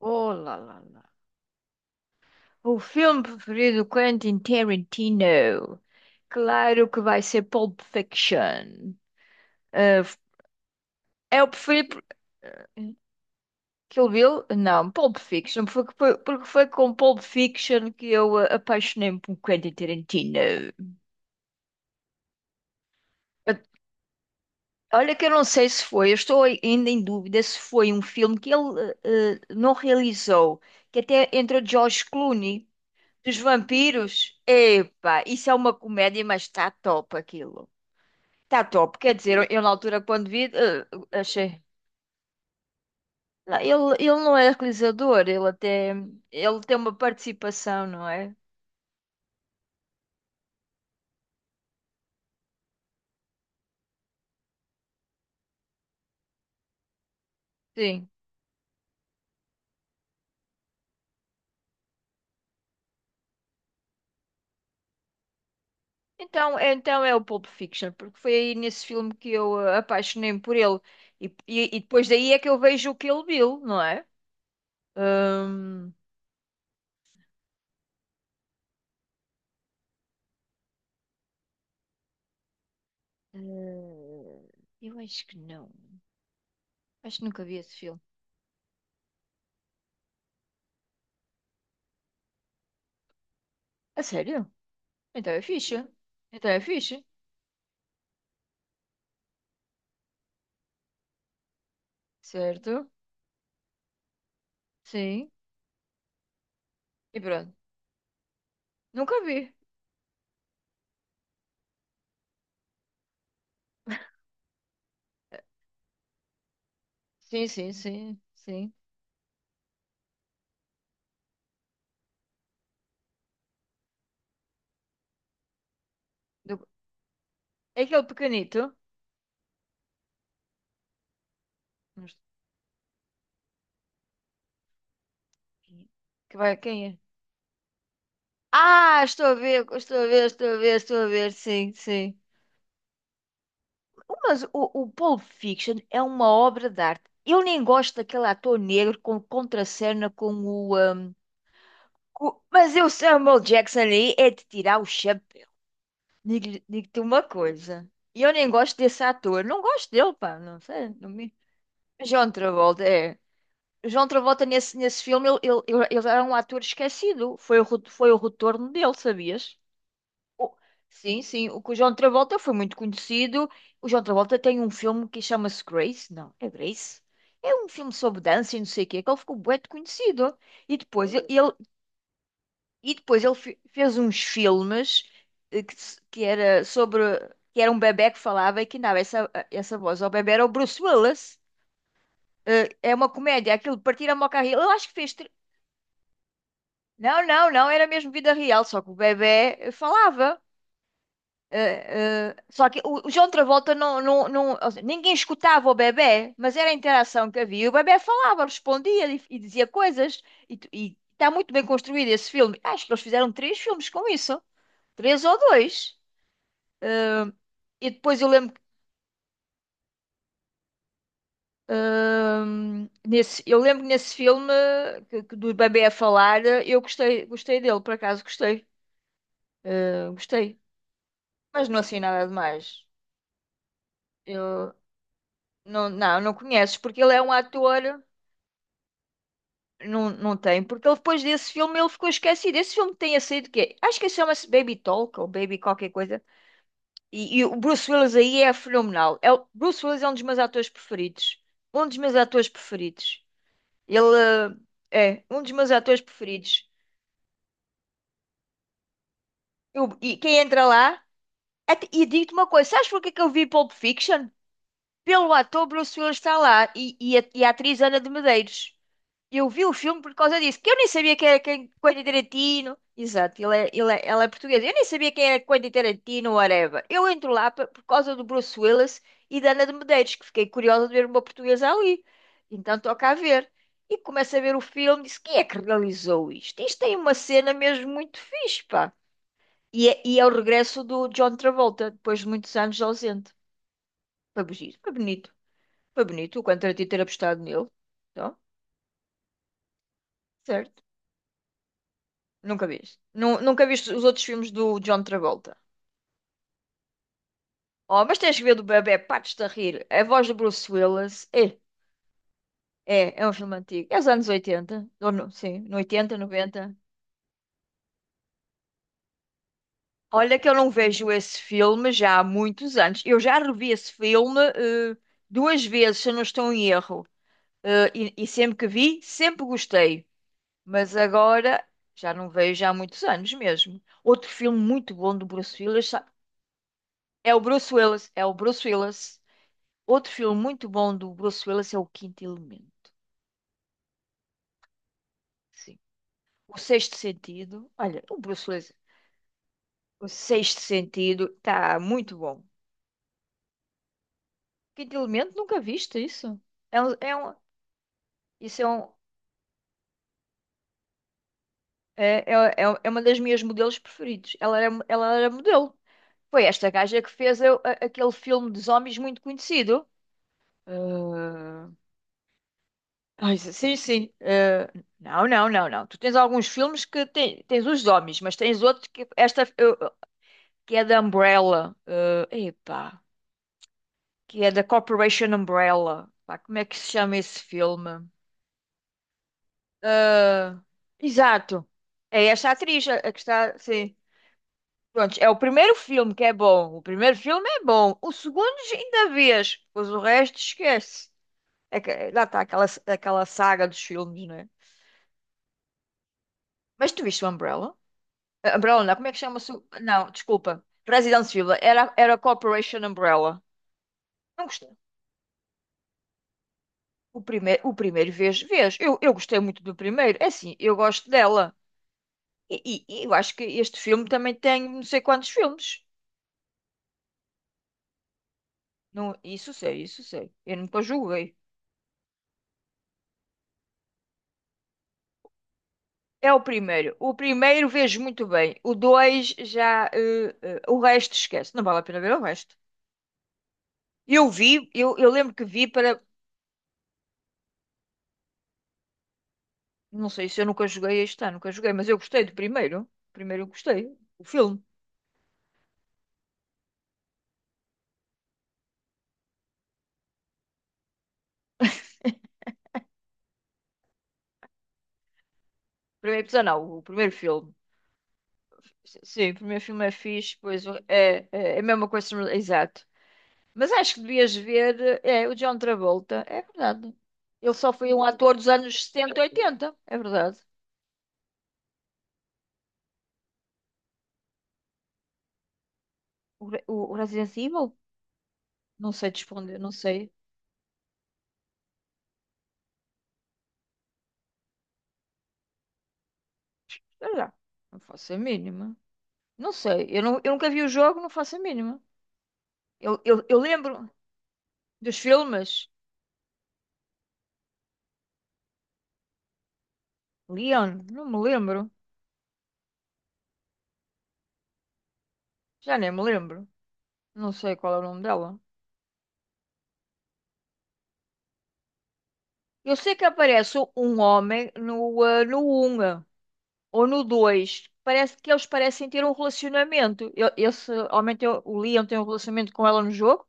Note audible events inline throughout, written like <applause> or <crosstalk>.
Oh, lá, lá, lá. O filme preferido do Quentin Tarantino. Claro que vai ser Pulp Fiction. Ah, É o preferido. Kill Bill? Não, Pulp Fiction. Porque foi com Pulp Fiction que eu apaixonei-me por Quentin Tarantino. Ah, Olha que eu não sei se foi. Eu estou ainda em dúvida se foi um filme que ele não realizou, que até entrou George Clooney. Dos vampiros? Epa, isso é uma comédia, mas está top aquilo. Está top. Quer dizer, eu na altura quando vi, achei. Lá. Ele não é realizador, ele tem uma participação, não é? Sim. Então é o Pulp Fiction, porque foi aí nesse filme que eu apaixonei-me por ele. E depois daí é que eu vejo o Kill Bill, não é? Hum, eh, eu acho que não. Acho que nunca vi esse filme. A sério? Então é fixe. Então é fixe. Certo? Sim. E pronto. Nunca vi. Sim, sim, sim, sim. Do- É aquele pequenito. Mas- Que vai, quem é? Estou a ver, estou a ver, estou a ver, estou a ver, sim, sim. Mas o Pulp Fiction é uma obra de arte. Eu nem gosto daquele ator negro com contracena com o. Mas o Samuel Jackson aí é de tirar o chapéu. Digo-te uma coisa. E eu nem gosto desse ator. Não gosto dele, pá. Não sei. Não me... John Travolta, é. João Travolta, nesse filme, ele era um ator esquecido. Foi o retorno dele, sabias? O- sim, sim. O que o João Travolta foi muito conhecido. O João Travolta tem um filme que chama-se Grace. Não, é Grace. É um filme sobre dança e não sei o quê, que ele ficou bué de conhecido. E depois ele, e depois ele fez uns filmes que, que era sobre que era um bebé que falava e que dava essa voz ao bebé era o Bruce Willis. É uma comédia, aquilo de partir a moca a rir. Eu acho que fez. Não, não, não, era mesmo vida real, só que o bebé falava. Só que o João Travolta ou seja, ninguém escutava o bebé, mas era a interação que havia. O bebé falava, respondia e dizia coisas. E está muito bem construído esse filme. Acho que eles fizeram três filmes com isso, três ou dois. Ah, E depois eu lembro que, eu lembro que nesse filme que do bebê a falar, eu gostei, gostei dele, por acaso gostei. Gostei. Mas não assim nada demais. Eu não, não, não conheces, porque ele é um ator. Não tem, porque ele depois desse filme ele ficou esquecido. Esse filme tenha saído o quê? Acho que chama-se Baby Talk ou Baby qualquer coisa. E o Bruce Willis aí é fenomenal. Bruce Willis é um dos meus atores preferidos. Um dos meus atores preferidos. Ele é um dos meus atores preferidos. E quem entra lá. E digo-te uma coisa: sabes porquê que eu vi Pulp Fiction? Pelo ator Bruce Willis está lá e a atriz Ana de Medeiros. Eu vi o filme por causa disso, que eu nem sabia quem era quem, Quentin Tarantino. Exato, ela é portuguesa. Eu nem sabia quem era Quentin Tarantino, whatever. Eu entro lá por causa do Bruce Willis e da Ana de Medeiros, que fiquei curiosa de ver uma portuguesa ali. Então toca a ver. E começo a ver o filme, disse, quem é que realizou isto? Isto tem uma cena mesmo muito fixe, pá. E é o regresso do John Travolta, depois de muitos anos ausente. Foi bonito, foi bonito. Foi bonito o Quentin Tarantino ter apostado nele. Então, certo. Nunca viste. Nunca viste os outros filmes do John Travolta. Oh, mas tens que ver do bebé partes-te a rir. A voz do Bruce Willis. É um filme antigo. É os anos 80. Ou sim, no 80, 90. Olha que eu não vejo esse filme já há muitos anos. Eu já revi esse filme duas vezes, se eu não estou em erro. E sempre que vi, sempre gostei. Mas agora já não vejo há muitos anos mesmo. Outro filme muito bom do Bruce Willis, sabe? É o Bruce Willis. É o Bruce Willis. Outro filme muito bom do Bruce Willis é O Quinto Elemento. Sim. O Sexto Sentido. Olha, o Bruce Willis. O Sexto Sentido tá muito bom. Quinto Elemento, nunca viste isso? É um, é um- isso é, um, é, é, é uma das minhas modelos preferidos. Ela era modelo. Foi esta gaja que fez aquele filme de zombies muito conhecido. Ai, sim, sim. Não, não, não, não. Tu tens alguns filmes que tens os zombies, mas tens outros que esta. Que é da Umbrella. Epá, que é da Corporation Umbrella. Pá, como é que se chama esse filme? Eh, Exato. É esta atriz a que está. Sim. Pronto, é o primeiro filme que é bom. O primeiro filme é bom. O segundo ainda vês. Pois o resto esquece. É que, lá está aquela saga dos filmes, não é? Mas tu viste o Umbrella? Umbrella, não, como é que chama-se? Não, desculpa. Resident Evil. Era Corporation Umbrella. Não gostei. O primeiro vez, vês. Eu gostei muito do primeiro. É assim, eu gosto dela. E eu acho que este filme também tem não sei quantos filmes. Não, isso sei, isso sei. Eu nunca julguei. É o primeiro. O primeiro vejo muito bem. O dois já. O resto esquece. Não vale a pena ver o resto. Eu vi, eu lembro que vi para. Não sei se eu nunca joguei este ano, nunca joguei, mas eu gostei do primeiro. Primeiro eu gostei. O filme. Primeiro, não, o primeiro filme. Sim, o primeiro filme é fixe, pois é a mesma coisa, exato. Mas acho que devias ver, é, o John Travolta, é verdade. Ele só foi um ator dos anos 70 e 80, é verdade. O Resident Evil? Não sei te responder, não sei. Espera lá, não faço a mínima. Não sei, eu nunca vi o jogo, não faço a mínima. Eu lembro dos filmes. Leon, não me lembro, já nem me lembro. Não sei qual é o nome dela. Eu sei que aparece um homem no 1. Ou no 2 parece que eles parecem ter um relacionamento. Eu, esse homem tem, o Leon tem um relacionamento com ela no jogo,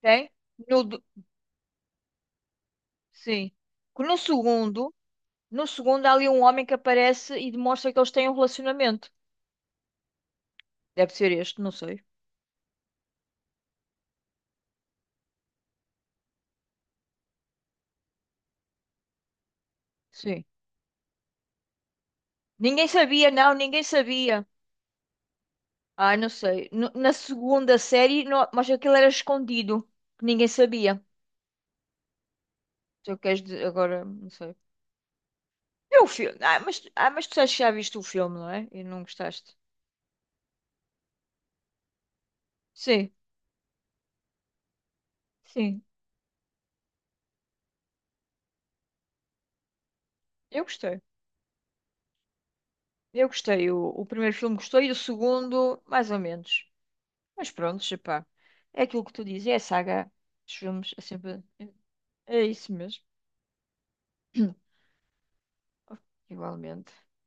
tem? No, do- sim. Que No segundo, no segundo há ali um homem que aparece e demonstra que eles têm um relacionamento. Deve ser este, não sei. Sim. Ninguém sabia, não, ninguém sabia. Não sei. Na segunda série, mas aquilo era escondido, que ninguém sabia. Se eu queres dizer, agora, não sei. É o filme. Mas tu sabes que já viste o filme, não é? E não gostaste. Sim. Sim, eu gostei. Eu gostei. O primeiro filme gostei, e o segundo, mais ou menos. Mas pronto, epá. É aquilo que tu dizes, é a saga dos filmes, é sempre. É isso mesmo. <coughs> <clears throat> Igualmente.